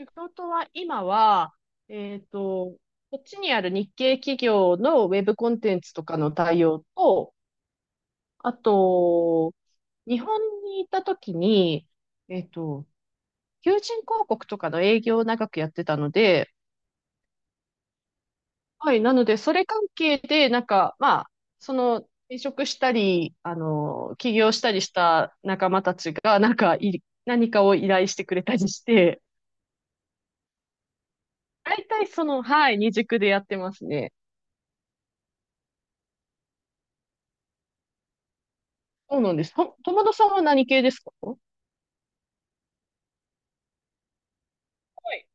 仕事は今は、えっと、こっちにある日系企業のウェブコンテンツとかの対応と、あと、日本に行った時に、えっと、求人広告とかの営業を長くやってたので、はい、なので、それ関係で、なんか、まあ、その、転職したり、あの、起業したりした仲間たちが、なんかい、何かを依頼してくれたりして、大体その、はい、二軸でやってますね。そうなんです。と、友田さんは何系ですか？ほはい。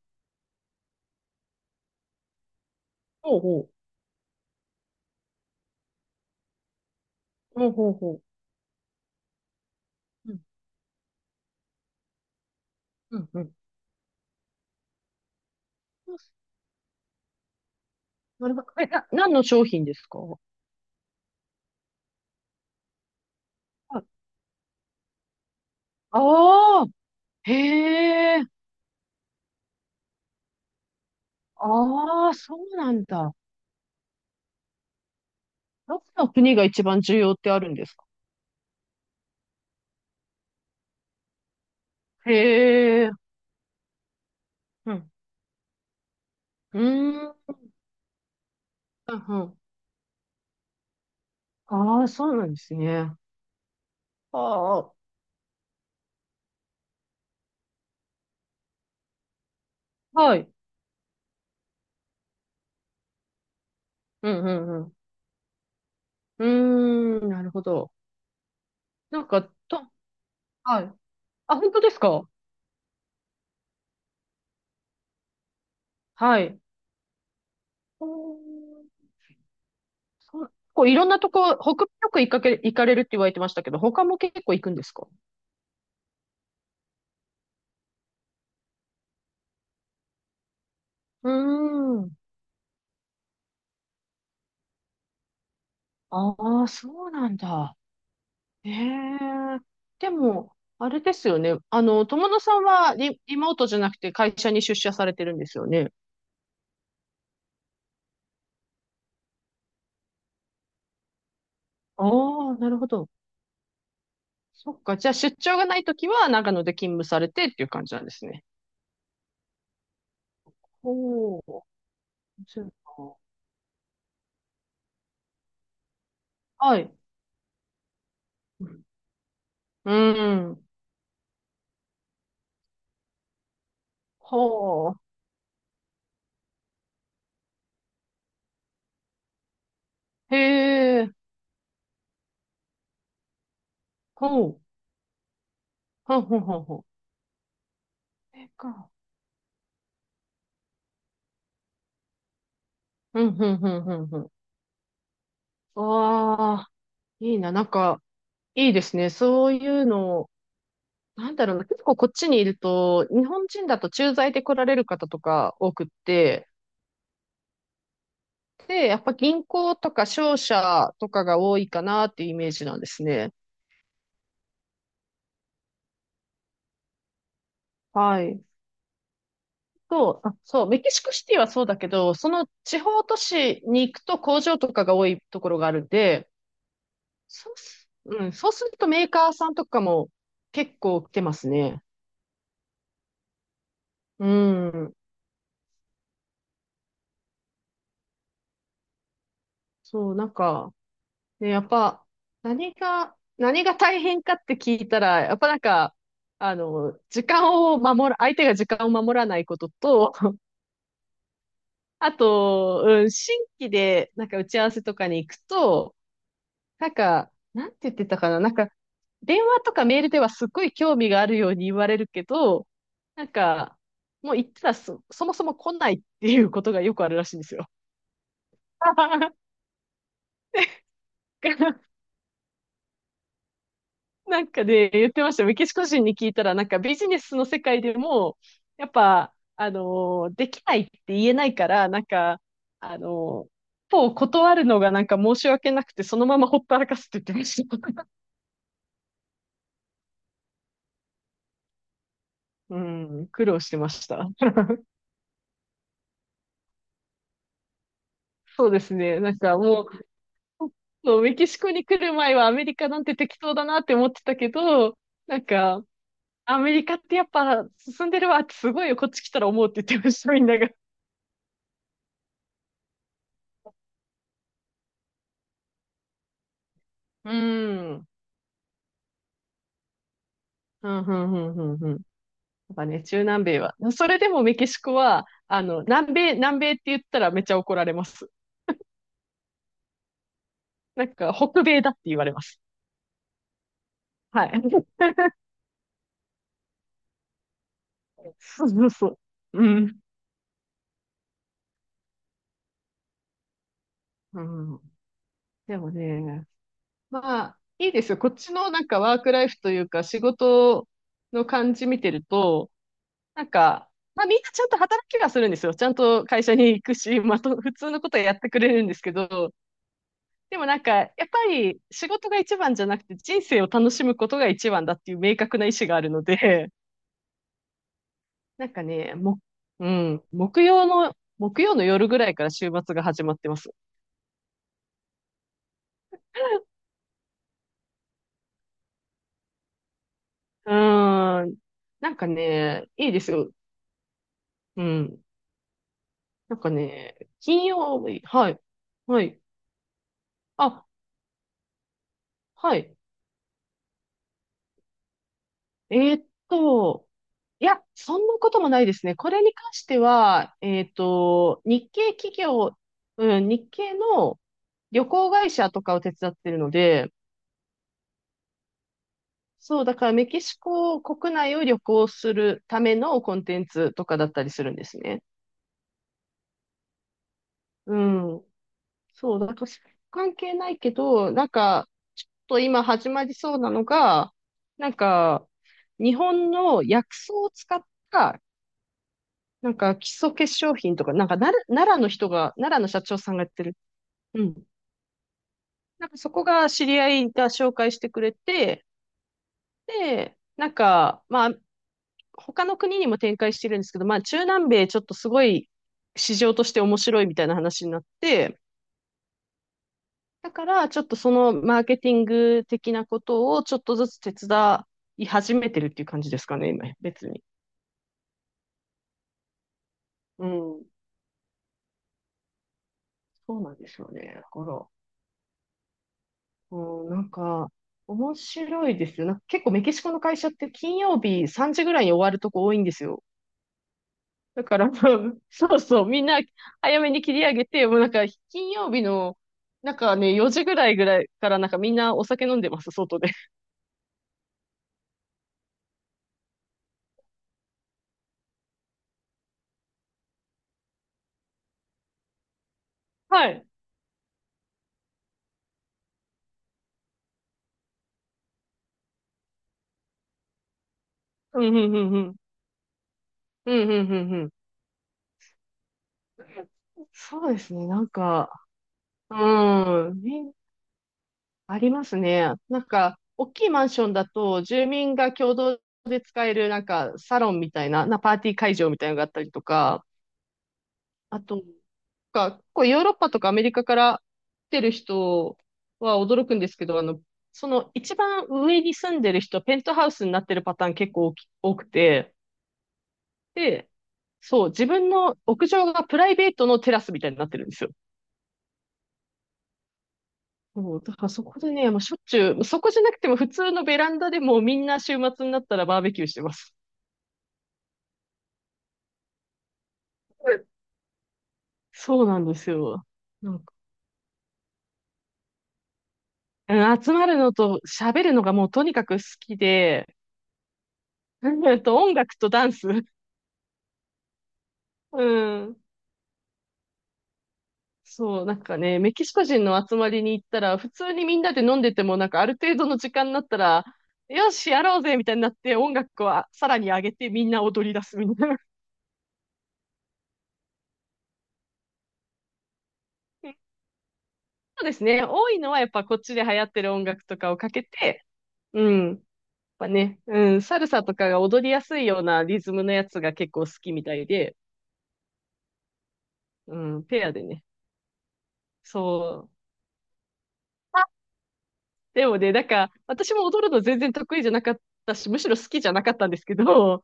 うほう。ほうほうほう。うん、うん、うん。なるほど。え、何の商品ですか？ああー、へえ、ああ、そうなんだ。どこの国が一番重要ってあるんですか？へえ、うん、うーん、うんうん。ああ、そうなんですね。ああ、はい。うん、うん、うん。うーん、なるほど。なんか、と、はい。あ、本当ですか？はい。おーそうこういろんなとこ、北米よく行かけ、行かれるって言われてましたけど、他も結構行くんですか？うーん。ああ、そうなんだ。ええ。でも、あれですよね。あの、友野さんはリモートじゃなくて会社に出社されてるんですよね。ああ、なるほど。そっか。じゃあ出張がないときは長野で勤務されてっていう感じなんですね。おお、そうか。はい。うん。ほう。へえ。ほう。ほうほうほうほう。えか。うん、うん、うん、うん、うん。ああ、いいな。なんか、いいですね。そういうの、なんだろうな。結構こっちにいると、日本人だと駐在で来られる方とか多くって、で、やっぱ銀行とか商社とかが多いかなっていうイメージなんですね。はい。そう、あ、そう、メキシコシティはそうだけど、その地方都市に行くと工場とかが多いところがあるんで、そうす、うん、そうするとメーカーさんとかも結構来てますね。うん。そう、なんか、ね、やっぱ、何が大変かって聞いたら、やっぱなんか、あの、時間を守る、相手が時間を守らないことと、あと、うん、新規で、なんか打ち合わせとかに行くと、なんか、なんて言ってたかな、なんか、電話とかメールではすっごい興味があるように言われるけど、なんか、もう言ったらそもそも来ないっていうことがよくあるらしいんですよ。なんかで、言ってました。メキシコ人に聞いたら、なんかビジネスの世界でも、やっぱ、できないって言えないから、なんか、あのー一方断るのがなんか申し訳なくて、そのままほったらかすって言ってました。うん、苦労してました。そうですね。なんかもう、そうメキシコに来る前はアメリカなんて適当だなって思ってたけど、なんか、アメリカってやっぱ進んでるわってすごいよ、こっち来たら思うって言ってました、みんなが。うん。うん、うん、うん、うん。うんなんかね、中南米は。それでもメキシコは、あの、南米って言ったらめっちゃ怒られます。なんか、北米だって言われます。はい。そうそうそう。うん。うん。でもね、まあ、いいですよ。こっちのなんかワークライフというか、仕事の感じ見てると、なんか、まあみんなちゃんと働きはするんですよ。ちゃんと会社に行くし、まあと、普通のことはやってくれるんですけど、でもなんか、やっぱり仕事が一番じゃなくて人生を楽しむことが一番だっていう明確な意思があるので、なんかね、も、うん、木曜の夜ぐらいから週末が始まってます。うーん。なんかね、いいですよ。うん。なんかね、金曜日、はい。はい。あ、はい。えーっと、いや、そんなこともないですね。これに関しては、日系企業、うん、日系の旅行会社とかを手伝ってるので、そう、だからメキシコ国内を旅行するためのコンテンツとかだったりするんですね。うん。そう、だから関係ないけど、なんか、ちょっと今始まりそうなのが、なんか、日本の薬草を使ったなんか基礎化粧品とか、なんかなる奈良の人が、奈良の社長さんがやってる。うん。なんかそこが知り合いが紹介してくれて、で、なんか、まあ、他の国にも展開してるんですけど、まあ、中南米ちょっとすごい市場として面白いみたいな話になって、だからちょっとそのマーケティング的なことをちょっとずつ手伝い始めてるっていう感じですかね、今、別に。うん、そうなんですよね。だから、うん、なんか、面白いですよ。なんか結構メキシコの会社って金曜日3時ぐらいに終わるとこ多いんですよ。だから、そうそう、みんな早めに切り上げて、もうなんか金曜日の、なんかね、4時ぐらいからなんかみんなお酒飲んでます、外で。はい。うん、うん、うん、うん。うん、うん、うん、うん。そうですね、なんか、うん、みんありますね。なんか、大きいマンションだと、住民が共同で使える、なんか、サロンみたいな、な、パーティー会場みたいなのがあったりとか、あと、か、結構ヨーロッパとかアメリカから来てる人は驚くんですけど、あの、その一番上に住んでる人、ペントハウスになってるパターン結構多き多くて、で、そう、自分の屋上がプライベートのテラスみたいになってるんですよ。そう、だからそこでね、もうしょっちゅう、そこじゃなくても普通のベランダでもみんな週末になったらバーベキューしてます。うんそうなんですよ。なんか、うん集まるのと喋るのがもうとにかく好きで、うんと音楽とダンス。うん。そう、なんかね、メキシコ人の集まりに行ったら、普通にみんなで飲んでても、なんかある程度の時間になったら、よし、やろうぜみたいになって、音楽をあさらに上げてみんな踊り出すみたいな。そうですね。多いのはやっぱこっちで流行ってる音楽とかをかけて、うん。やっぱね、うん、サルサとかが踊りやすいようなリズムのやつが結構好きみたいで、うん、ペアでね。そう。あでもね、なんか、私も踊るの全然得意じゃなかったし、むしろ好きじゃなかったんですけど、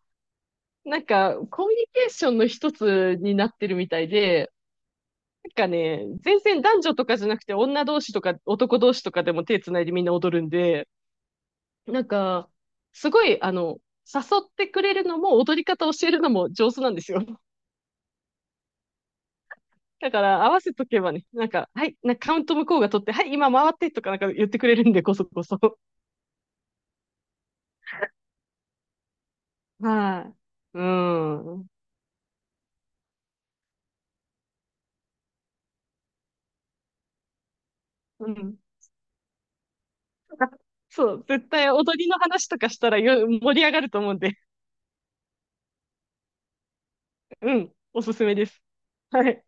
なんか、コミュニケーションの一つになってるみたいで、なんかね、全然男女とかじゃなくて、女同士とか男同士とかでも手つないでみんな踊るんで、なんか、すごい、あの、誘ってくれるのも踊り方教えるのも上手なんですよ。だから合わせとけばね、なんか、はい、なんかカウント向こうが取って、はい、今回ってとかなんか言ってくれるんで、こそこそ。はい。うん。うん。そう、絶対踊りの話とかしたらよ盛り上がると思うんで、うん、おすすめです。はい。